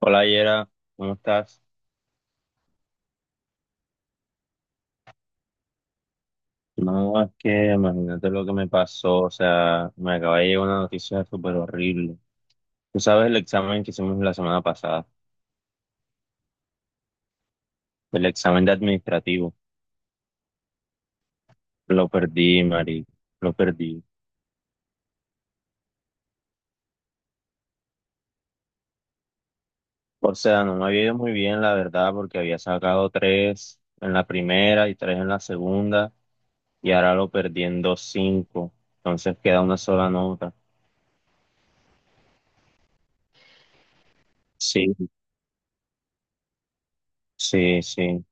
Hola Yera, ¿cómo estás? No, es que imagínate lo que me pasó, o sea, me acaba de llegar una noticia súper horrible. Tú sabes el examen que hicimos la semana pasada, el examen de administrativo, lo perdí, Mari, lo perdí. O sea, no me había ido muy bien, la verdad, porque había sacado tres en la primera y tres en la segunda, y ahora lo perdí en dos cinco, entonces queda una sola nota. Sí, sí, sí.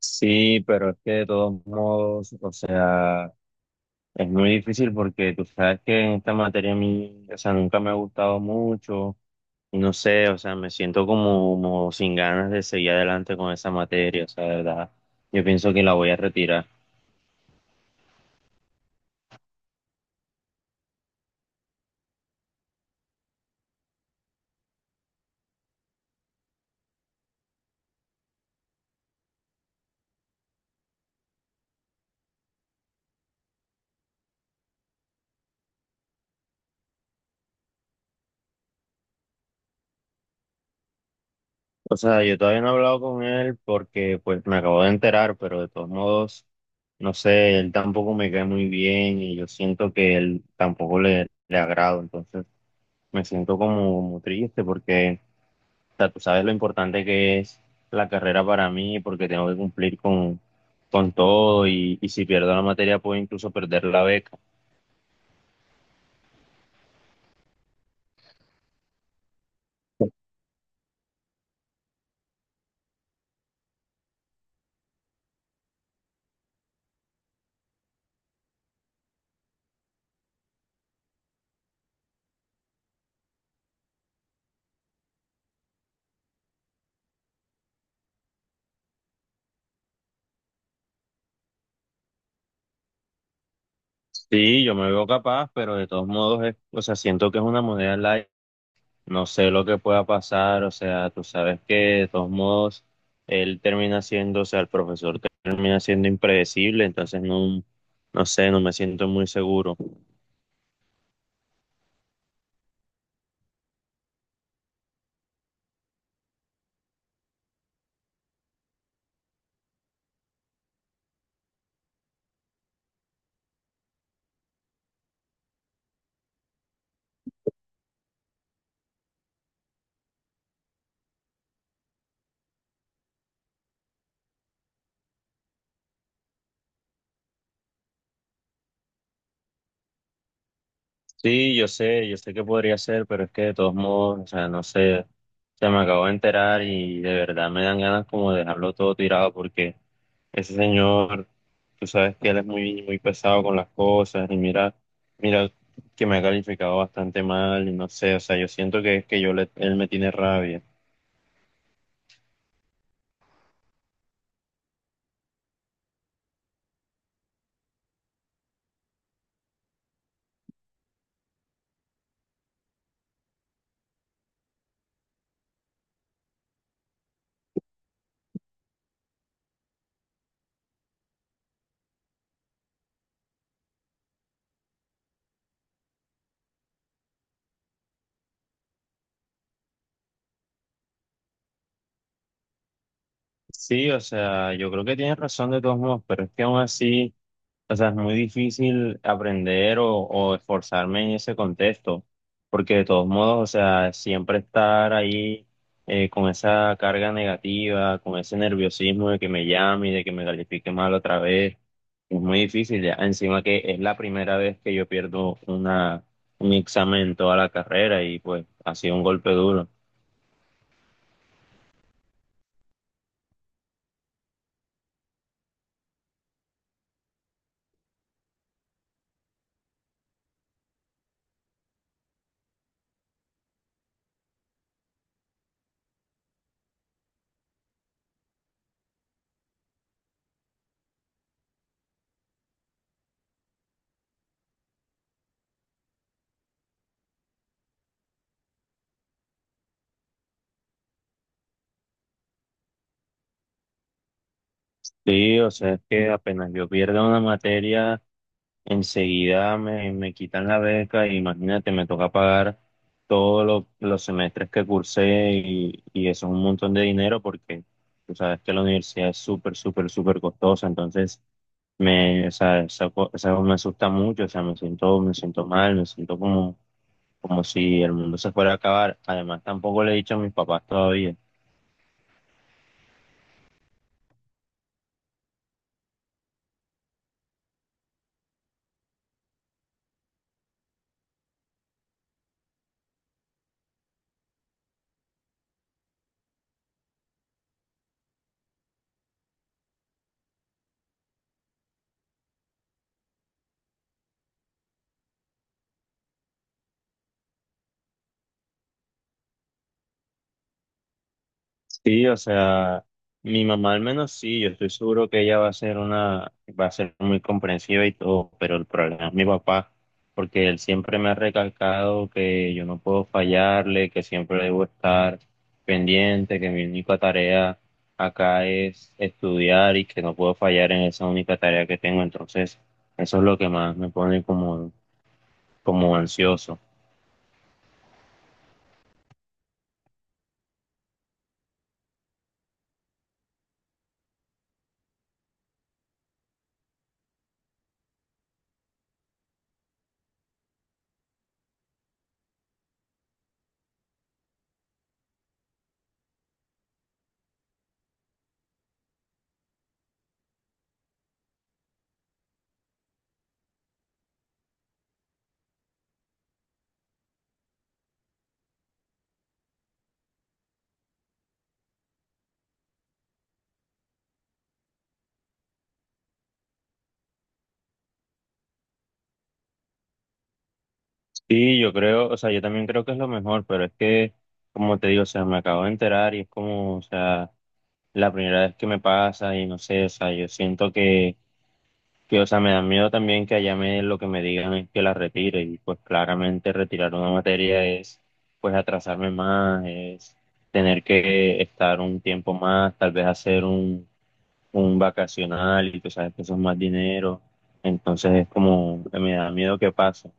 Sí, pero es que de todos modos, o sea... Es muy difícil porque tú sabes que esta materia a mí, o sea, nunca me ha gustado mucho. Y no sé, o sea, me siento como, como sin ganas de seguir adelante con esa materia, o sea, de verdad. Yo pienso que la voy a retirar. O sea, yo todavía no he hablado con él porque pues me acabo de enterar, pero de todos modos, no sé, él tampoco me cae muy bien y yo siento que él tampoco le agrado, entonces me siento como, como triste porque, o sea, tú sabes lo importante que es la carrera para mí porque tengo que cumplir con todo y si pierdo la materia puedo incluso perder la beca. Sí, yo me veo capaz, pero de todos modos, o sea, siento que es una moneda al aire. No sé lo que pueda pasar, o sea, tú sabes que de todos modos él termina siendo, o sea, el profesor termina siendo impredecible, entonces no, no sé, no me siento muy seguro. Sí, yo sé que podría ser, pero es que de todos modos, o sea, no sé, se me acabo de enterar y de verdad me dan ganas como de dejarlo todo tirado porque ese señor, tú sabes que él es muy, muy pesado con las cosas y mira, mira que me ha calificado bastante mal y no sé, o sea, yo siento que es que yo él me tiene rabia. Sí, o sea, yo creo que tienes razón de todos modos, pero es que aún así... O sea, es muy difícil aprender o esforzarme en ese contexto, porque de todos modos, o sea, siempre estar ahí con esa carga negativa, con ese nerviosismo de que me llame y de que me califique mal otra vez, es muy difícil ya. Encima que es la primera vez que yo un examen en toda la carrera y pues ha sido un golpe duro. Sí, o sea, es que apenas yo pierdo una materia, enseguida me quitan la beca y imagínate, me toca pagar todos los semestres que cursé y eso es un montón de dinero porque tú sabes que la universidad es súper, súper, súper costosa, entonces me, o sea, esa me asusta mucho, o sea, me siento mal, me siento como, como si el mundo se fuera a acabar. Además, tampoco le he dicho a mis papás todavía. Sí, o sea, mi mamá al menos sí, yo estoy seguro que ella va a ser una, va a ser muy comprensiva y todo, pero el problema es mi papá, porque él siempre me ha recalcado que yo no puedo fallarle, que siempre debo estar pendiente, que mi única tarea acá es estudiar y que no puedo fallar en esa única tarea que tengo, entonces eso es lo que más me pone como, como ansioso. Sí, yo creo, o sea, yo también creo que es lo mejor, pero es que, como te digo, o sea, me acabo de enterar y es como, o sea, la primera vez que me pasa y no sé, o sea, yo siento que, o sea, me da miedo también que allá me, lo que me digan es que la retire y pues claramente retirar una materia es, pues, atrasarme más, es tener que estar un tiempo más, tal vez hacer un vacacional y tú sabes que eso es más dinero, entonces es como, que me da miedo que pase.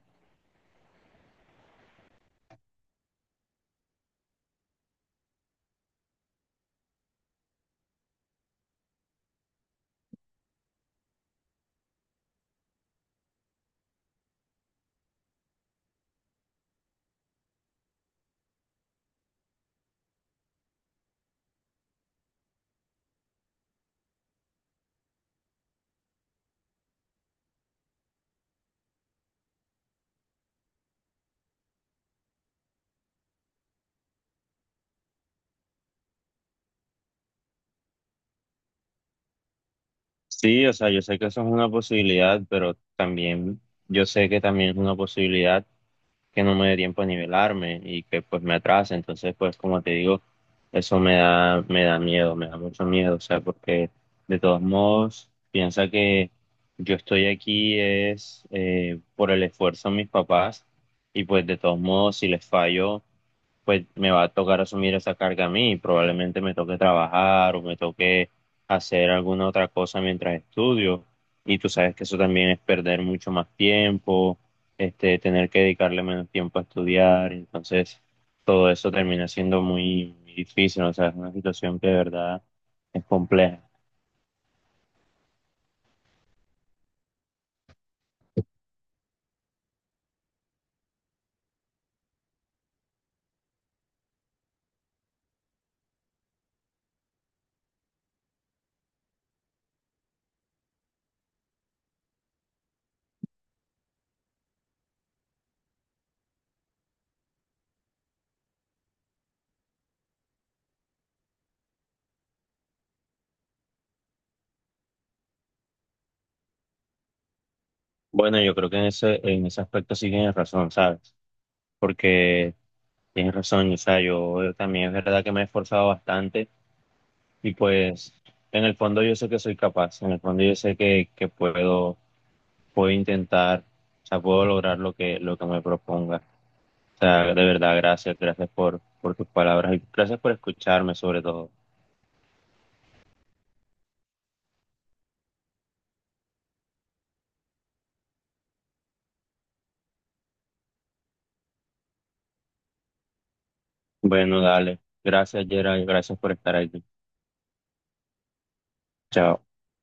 Sí, o sea, yo sé que eso es una posibilidad, pero también yo sé que también es una posibilidad que no me dé tiempo a nivelarme y que pues me atrase. Entonces, pues como te digo, eso me da miedo, me da mucho miedo. O sea, porque de todos modos, piensa que yo estoy aquí es por el esfuerzo de mis papás y pues de todos modos, si les fallo pues me va a tocar asumir esa carga a mí. Probablemente me toque trabajar o me toque hacer alguna otra cosa mientras estudio. Y tú sabes que eso también es perder mucho más tiempo, este, tener que dedicarle menos tiempo a estudiar. Entonces, todo eso termina siendo muy, muy difícil. O sea, es una situación que de verdad es compleja. Bueno, yo creo que en ese aspecto sí tienes razón, ¿sabes? Porque tienes razón, o sea, yo también es verdad que me he esforzado bastante. Y pues en el fondo yo sé que soy capaz, en el fondo yo sé que puedo, puedo intentar, o sea, puedo lograr lo que me proponga. O sea, de verdad, gracias, gracias por tus palabras y gracias por escucharme sobre todo. Bueno, dale, gracias Gerald, gracias por estar aquí. Chao.